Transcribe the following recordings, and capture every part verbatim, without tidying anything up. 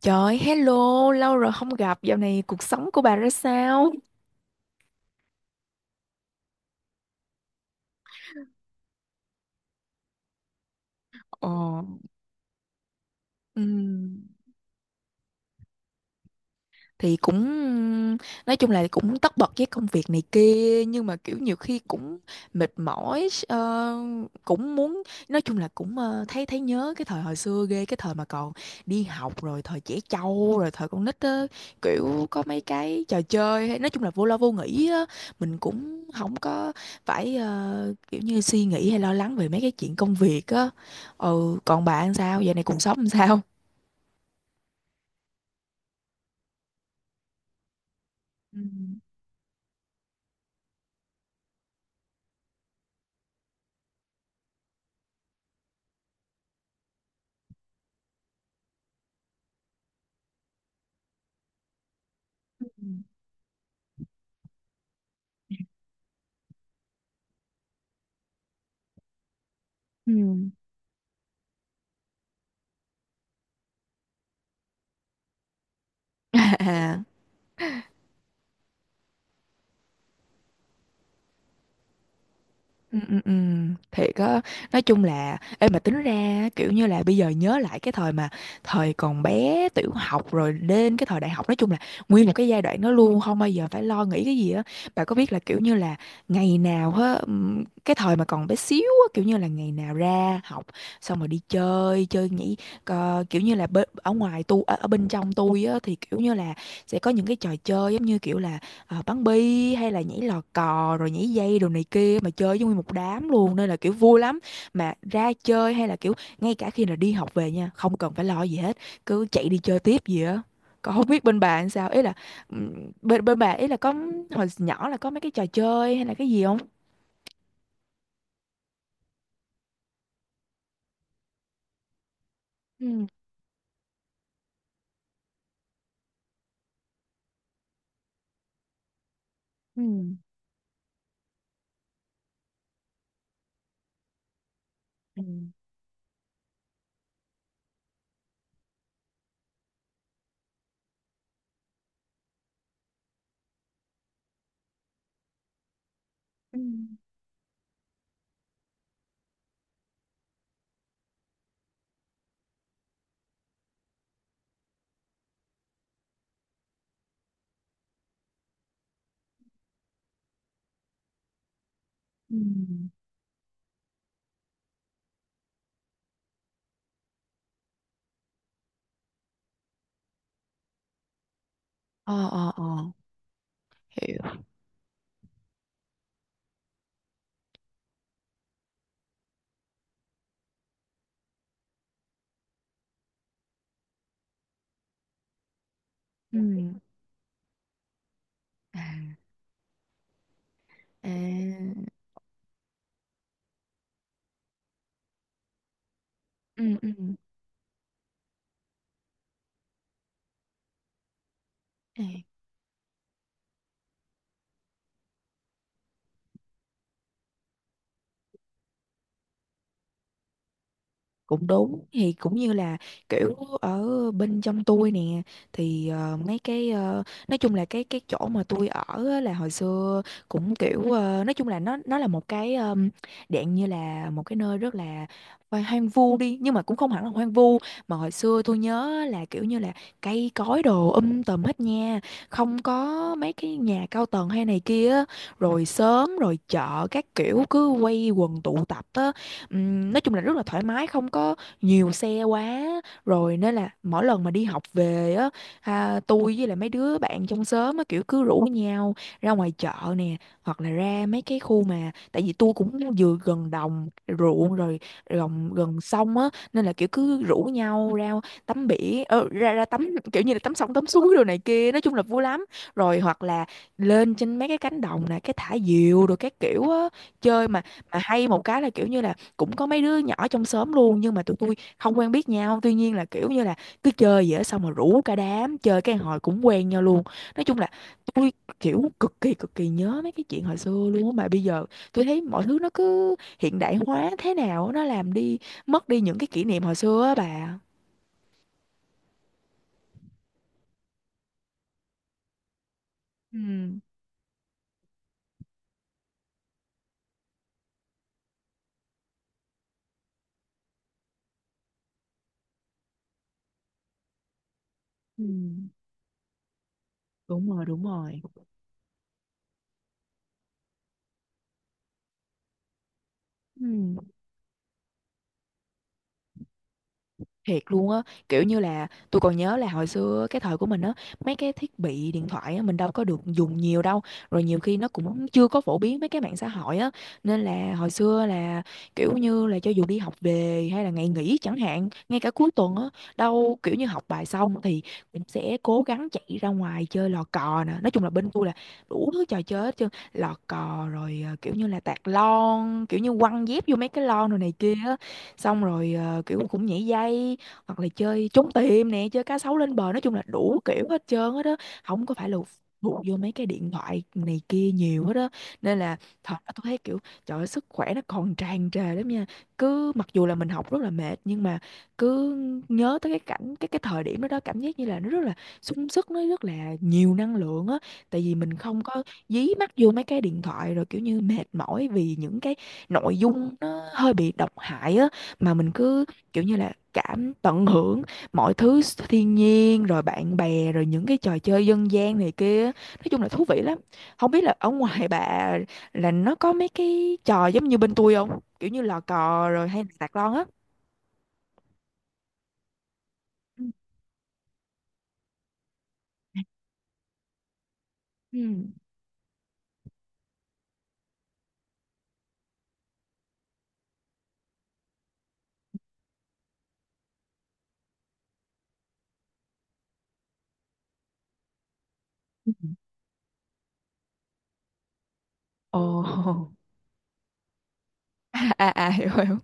Trời, hello, lâu rồi không gặp, dạo này cuộc sống của bà ra sao? Ồ, ừ. Thì cũng nói chung là cũng tất bật với công việc này kia nhưng mà kiểu nhiều khi cũng mệt mỏi, ờ, cũng muốn nói chung là cũng, ờ, thấy thấy nhớ cái thời hồi xưa ghê, cái thời mà còn đi học, rồi thời trẻ trâu, rồi thời con nít á, kiểu có mấy cái trò chơi hay, nói chung là vô lo vô nghĩ á. Mình cũng không có phải, ờ, kiểu như suy nghĩ hay lo lắng về mấy cái chuyện công việc á. Ừ, còn bạn sao giờ này cuộc sống làm sao? Ừ. Ừ. Ừ, ừ, ừ. Thiệt á, nói chung là em mà tính ra kiểu như là bây giờ nhớ lại cái thời mà thời còn bé tiểu học rồi đến cái thời đại học, nói chung là nguyên một cái giai đoạn nó luôn không bao giờ phải lo nghĩ cái gì á. Bà có biết là kiểu như là ngày nào á, ừm, cái thời mà còn bé xíu á, kiểu như là ngày nào ra học xong rồi đi chơi chơi nhảy cờ- kiểu như là bê- ở ngoài tu ở, ở bên trong tôi á thì kiểu như là sẽ có những cái trò chơi giống như kiểu là, ờ, bắn bi hay là nhảy lò cò rồi nhảy dây đồ này kia, mà chơi với nguyên một đám luôn nên là kiểu vui lắm. Mà ra chơi hay là kiểu ngay cả khi là đi học về nha, không cần phải lo gì hết, cứ chạy đi chơi tiếp gì á. Còn không biết bên bạn sao, ý là, ừm, bên bên bạn ý là có hồi nhỏ là có mấy cái trò chơi hay là cái gì không? Ừ, ừ, ừ, ừ, ừ, ờ, ờ, ờ, hiểu, ừ, ừ, à, ừ, ừ. À. Cũng đúng, thì cũng như là kiểu ở bên trong tôi nè thì, ờ, mấy cái, ờ, nói chung là cái cái chỗ mà tôi ở á, là hồi xưa cũng kiểu, ờ, nói chung là nó nó là một cái, um, dạng như là một cái nơi rất là hoang hoang vu đi nhưng mà cũng không hẳn là hoang vu, mà hồi xưa tôi nhớ là kiểu như là cây cối đồ um tùm hết nha, không có mấy cái nhà cao tầng hay này kia á. Rồi sớm rồi chợ các kiểu cứ quây quần tụ tập á. Ừm, nói chung là rất là thoải mái, không có nhiều xe quá, rồi nên là mỗi lần mà đi học về á, à, tôi với lại mấy đứa bạn trong xóm á kiểu cứ rủ nhau ra ngoài chợ nè, hoặc là ra mấy cái khu, mà tại vì tôi cũng vừa gần đồng ruộng, rồi gần gần sông á, nên là kiểu cứ rủ nhau ra tắm biển, ờ, ra ra tắm kiểu như là tắm sông tắm suối đồ này kia, nói chung là vui lắm. Rồi hoặc là lên trên mấy cái cánh đồng nè cái thả diều rồi các kiểu á, chơi mà. Mà hay một cái là kiểu như là cũng có mấy đứa nhỏ trong xóm luôn, nhưng mà tụi tôi không quen biết nhau, tuy nhiên là kiểu như là cứ chơi vậy á, xong rồi rủ cả đám chơi cái hồi cũng quen nhau luôn. Nói chung là tôi kiểu cực kỳ cực kỳ nhớ mấy cái chuyện hồi xưa luôn á, mà bây giờ tôi thấy mọi thứ nó cứ hiện đại hóa thế nào á, nó làm đi mất đi những cái kỷ niệm hồi xưa á bà. Ừ. Ừ. Đúng rồi, đúng rồi. Ừ, thiệt luôn á, kiểu như là tôi còn nhớ là hồi xưa cái thời của mình á, mấy cái thiết bị điện thoại á mình đâu có được dùng nhiều đâu, rồi nhiều khi nó cũng chưa có phổ biến mấy cái mạng xã hội á, nên là hồi xưa là kiểu như là cho dù đi học về hay là ngày nghỉ chẳng hạn, ngay cả cuối tuần á, đâu kiểu như học bài xong thì cũng sẽ cố gắng chạy ra ngoài chơi lò cò nè, nói chung là bên tôi là đủ thứ trò chơi hết trơn, lò cò rồi, ờ, kiểu như là tạt lon, kiểu như quăng dép vô mấy cái lon rồi này kia á, xong rồi, ờ, kiểu cũng nhảy dây hoặc là chơi trốn tìm nè, chơi cá sấu lên bờ, nói chung là đủ kiểu hết trơn hết á, không có phải là phụ vô mấy cái điện thoại này kia nhiều hết á, nên là thật tôi thấy kiểu trời ơi, sức khỏe nó còn tràn trề lắm nha, cứ mặc dù là mình học rất là mệt nhưng mà cứ nhớ tới cái cảnh cái cái thời điểm đó đó, cảm giác như là nó rất là sung sức, nó rất là nhiều năng lượng á, tại vì mình không có dí mắt vô mấy cái điện thoại rồi kiểu như mệt mỏi vì những cái nội dung nó hơi bị độc hại á, mà mình cứ kiểu như là cảm tận hưởng mọi thứ, thiên nhiên rồi bạn bè rồi những cái trò chơi dân gian này kia, nói chung là thú vị lắm. Không biết là ở ngoài bà là nó có mấy cái trò giống như bên tôi không, kiểu như lò cò rồi hay là sạc lon á? Ừ. Ừ. Ồ. À, à, à, hiểu hiểu.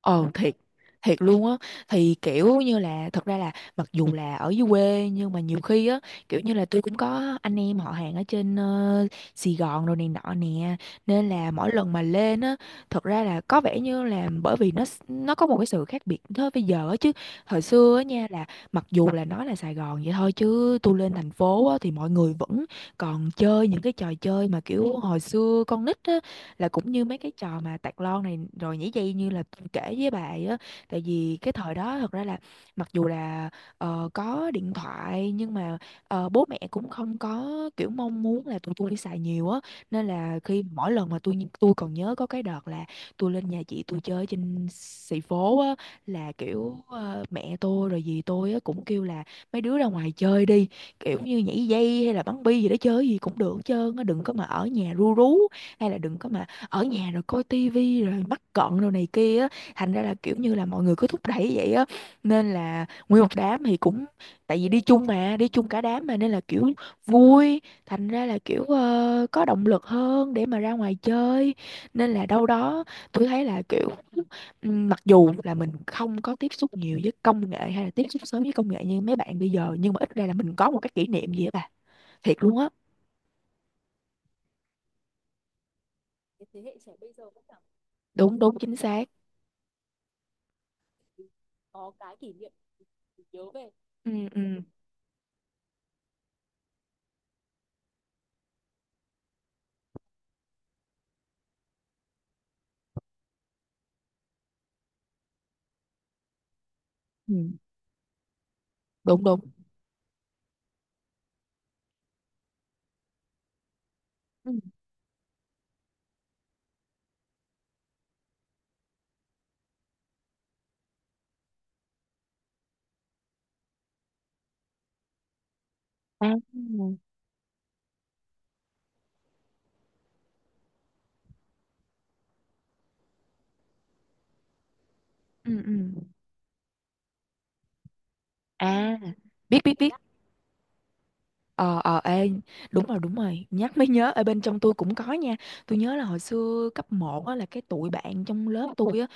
Ờ thiệt, thiệt luôn á, thì kiểu như là thật ra là mặc dù là ở dưới quê nhưng mà nhiều khi á kiểu như là tôi cũng có anh em họ hàng ở trên, ờ, Sài Gòn rồi này nọ nè, nên là mỗi lần mà lên á, thật ra là có vẻ như là bởi vì nó s- nó có một cái sự khác biệt thôi bây giờ á, chứ hồi xưa á nha là mặc dù là nói là Sài Gòn vậy thôi, chứ tôi lên thành phố á thì mọi người vẫn còn chơi những cái trò chơi mà kiểu hồi xưa con nít á, là cũng như mấy cái trò mà tạt lon này rồi nhảy dây như là tôi kể với bà ấy á, tại vì cái thời đó thật ra là mặc dù là, ờ, có điện thoại nhưng mà, ờ, bố mẹ cũng không có kiểu mong muốn là tụi tôi đi xài nhiều á, nên là khi mỗi lần mà tôi tôi còn nhớ có cái đợt là tôi lên nhà chị tôi chơi trên xì phố á, là kiểu, ờ, mẹ tôi rồi dì tôi á cũng kêu là mấy đứa ra ngoài chơi đi, kiểu như nhảy dây hay là bắn bi gì đó, chơi gì cũng được hết trơn á, đừng có mà ở nhà ru rú, hay là đừng có mà ở nhà rồi coi tivi rồi mắc cận rồi này kia á, thành ra là kiểu như là mọi người cứ thúc đẩy vậy á, nên là nguyên một đám thì cũng, tại vì đi chung mà, đi chung cả đám mà nên là kiểu vui, thành ra là kiểu, ờ, có động lực hơn để mà ra ngoài chơi, nên là đâu đó tôi thấy là kiểu, ừm, mặc dù là mình không có tiếp xúc nhiều với công nghệ hay là tiếp xúc sớm với công nghệ như mấy bạn bây giờ, nhưng mà ít ra là mình có một cái kỷ niệm gì á bà, thiệt luôn á. Cái thế hệ trẻ bây giờ cũng cảm, đúng đúng, chính xác, có cái kỷ niệm, nhớ về, ừ, ừ, ừ, đúng đúng, ừ, à, ừ, ừ, à, biết biết biết. Ờ, ờ, ê, đúng rồi, đúng rồi, nhắc mới nhớ, ở bên trong tôi cũng có nha, tôi nhớ là hồi xưa cấp một á, là cái tụi bạn trong lớp tôi á,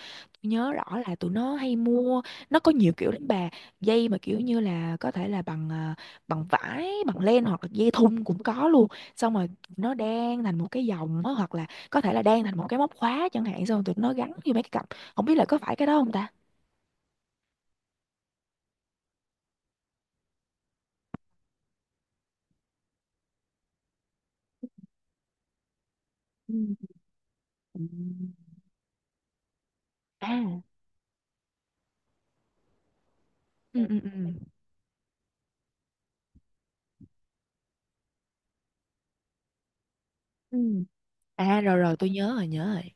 tôi nhớ rõ là tụi nó hay mua, nó có nhiều kiểu lắm bà, dây mà kiểu như là có thể là bằng à, bằng vải, bằng len hoặc là dây thun cũng có luôn, xong rồi tụi nó đan thành một cái vòng á, hoặc là có thể là đan thành một cái móc khóa chẳng hạn, xong rồi tụi nó gắn vô mấy cái cặp, không biết là có phải cái đó không ta? Ừ, ừ, ừ, ừ. Ừ. À, rồi rồi, tôi nhớ rồi, nhớ rồi.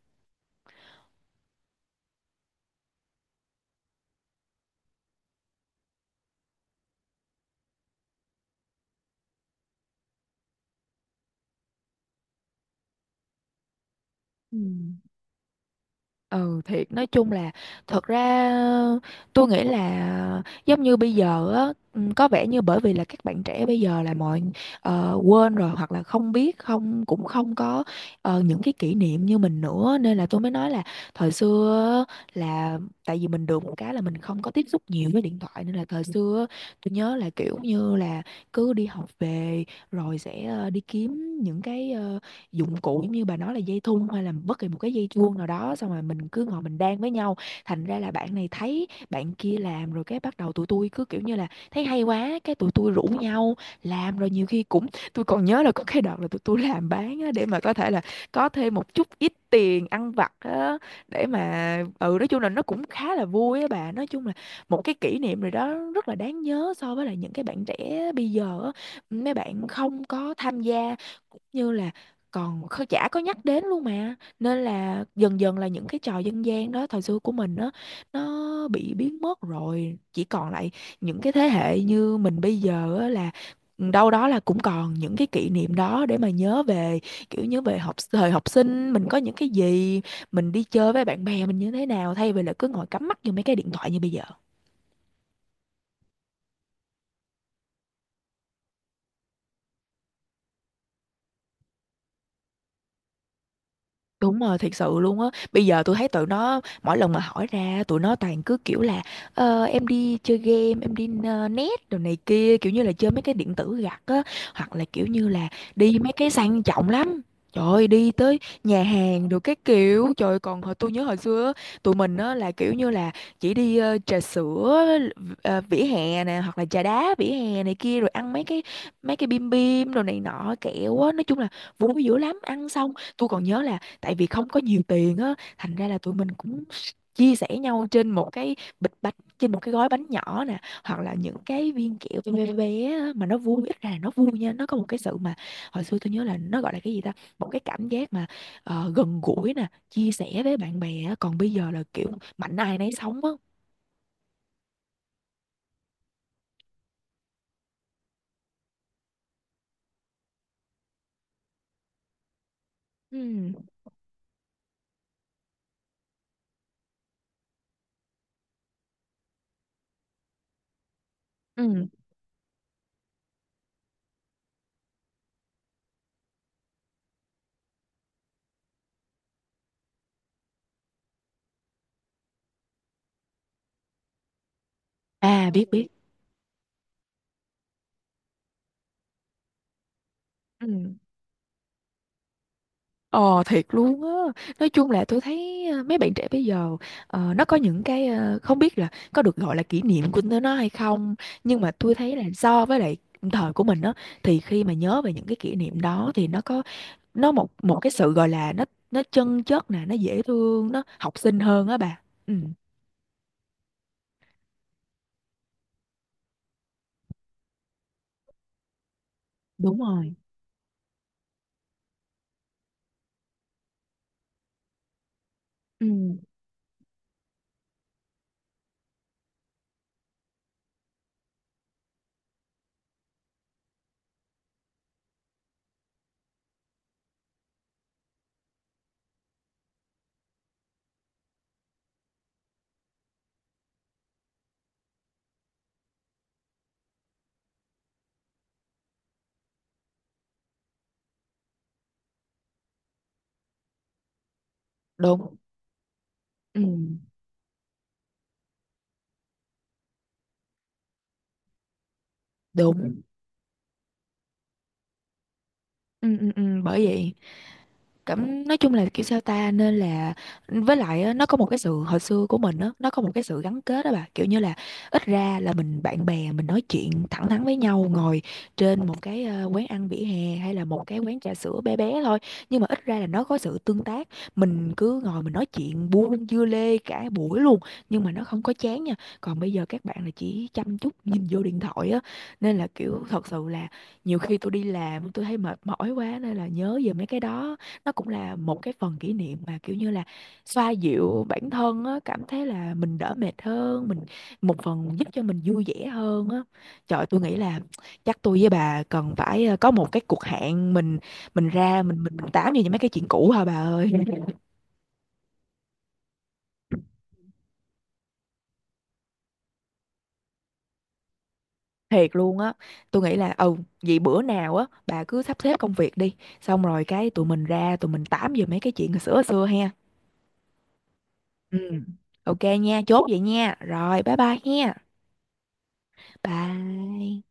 Ừ. Ừ, thiệt nói chung là, thật ra tôi nghĩ là giống như bây giờ á, ừm, có vẻ như bởi vì là các bạn trẻ bây giờ là mọi ờ, quên rồi, hoặc là không biết, không cũng không có ờ, những cái kỷ niệm như mình nữa, nên là tôi mới nói là thời xưa á, là tại vì mình được một cái là mình không có tiếp xúc nhiều với điện thoại, nên là thời xưa á, tôi nhớ là kiểu như là cứ đi học về rồi sẽ ờ, đi kiếm những cái ờ, dụng cụ giống như bà nói, là dây thun hay là bất kỳ một cái dây chuông nào đó, xong rồi mình cứ ngồi mình đan với nhau. Thành ra là bạn này thấy bạn kia làm, rồi cái bắt đầu tụi tôi cứ kiểu như là thấy hay quá, cái tụi tôi rủ nhau làm. Rồi nhiều khi cũng tôi còn nhớ là có cái đợt là tụi tôi làm bán á, để mà có thể là có thêm một chút ít tiền ăn vặt á, để mà ừ nói chung là nó cũng khá là vui á bà, nói chung là một cái kỷ niệm rồi đó, rất là đáng nhớ. So với là những cái bạn trẻ bây giờ á, mấy bạn không có tham gia, cũng như là còn không, chả có nhắc đến luôn mà, nên là dần dần là những cái trò dân gian đó thời xưa của mình đó nó bị biến mất rồi, chỉ còn lại những cái thế hệ như mình bây giờ á, là đâu đó là cũng còn những cái kỷ niệm đó để mà nhớ về. Kiểu nhớ về học, thời học sinh mình có những cái gì, mình đi chơi với bạn bè mình như thế nào, thay vì là cứ ngồi cắm mắt vô mấy cái điện thoại như bây giờ. Đúng rồi, thiệt sự luôn á. Bây giờ tôi thấy tụi nó mỗi lần mà hỏi ra tụi nó toàn cứ kiểu là ờ, em đi chơi game, em đi ờ, net đồ này kia, kiểu như là chơi mấy cái điện tử gặt á, hoặc là kiểu như là đi mấy cái sang trọng lắm. Trời ơi, đi tới nhà hàng đồ cái kiểu. Trời ơi, còn hồi tôi nhớ hồi xưa á, tụi mình á là kiểu như là chỉ đi ờ, trà sữa ờ, vỉa hè nè, hoặc là trà đá vỉa hè này kia, rồi ăn mấy cái mấy cái bim bim đồ này nọ, kẹo á, nói chung là vui dữ lắm. Ăn xong tôi còn nhớ là tại vì không có nhiều tiền á, thành ra là tụi mình cũng chia sẻ nhau trên một cái bịch bánh, trên một cái gói bánh nhỏ nè, hoặc là những cái viên kẹo bé bé bé á, mà nó vui, ít ra là nó vui nha, nó có một cái sự mà hồi xưa tôi nhớ là nó gọi là cái gì ta, một cái cảm giác mà ờ, gần gũi nè, chia sẻ với bạn bè á. Còn bây giờ là kiểu mạnh ai nấy sống á. Ừ. Ừ. À, biết biết. Ừ. Ờ, thiệt luôn á. Nói chung là tôi thấy ờ, mấy bạn trẻ bây giờ, ờ, nó có những cái, ờ, không biết là có được gọi là kỷ niệm của nó hay không, nhưng mà tôi thấy là so với lại thời của mình á, thì khi mà nhớ về những cái kỷ niệm đó thì nó có, nó một một cái sự gọi là Nó nó chân chất nè, nó dễ thương, nó học sinh hơn á bà. Ừ. Đúng rồi. Ừ. Đúng. Ừ, đúng. Ừ, ừ, ừ, bởi vậy. Cảm, nói chung là kiểu sao ta, nên là với lại á, nó có một cái sự hồi xưa của mình á, nó có một cái sự gắn kết đó bà, kiểu như là ít ra là mình, bạn bè mình nói chuyện thẳng thắn với nhau, ngồi trên một cái ờ, quán ăn vỉa hè, hay là một cái quán trà sữa bé bé thôi, nhưng mà ít ra là nó có sự tương tác. Mình cứ ngồi mình nói chuyện buôn dưa lê cả buổi luôn, nhưng mà nó không có chán nha. Còn bây giờ các bạn là chỉ chăm chút nhìn vô điện thoại á, nên là kiểu thật sự là nhiều khi tôi đi làm tôi thấy mệt mỏi quá, nên là nhớ về mấy cái đó, nó cũng là một cái phần kỷ niệm mà kiểu như là xoa dịu bản thân á, cảm thấy là mình đỡ mệt hơn, mình một phần giúp cho mình vui vẻ hơn á. Trời, tôi nghĩ là chắc tôi với bà cần phải ờ, có một cái cuộc hẹn, mình mình ra mình mình, mình tám về những mấy cái chuyện cũ hả bà ơi. Thiệt luôn á, tôi nghĩ là ừ vậy bữa nào á bà cứ sắp xếp công việc đi, xong rồi cái tụi mình ra tụi mình tám về mấy cái chuyện hồi xưa hồi xưa ha. Ừ. Ok nha, chốt vậy nha. Rồi, bye bye nha. Bye.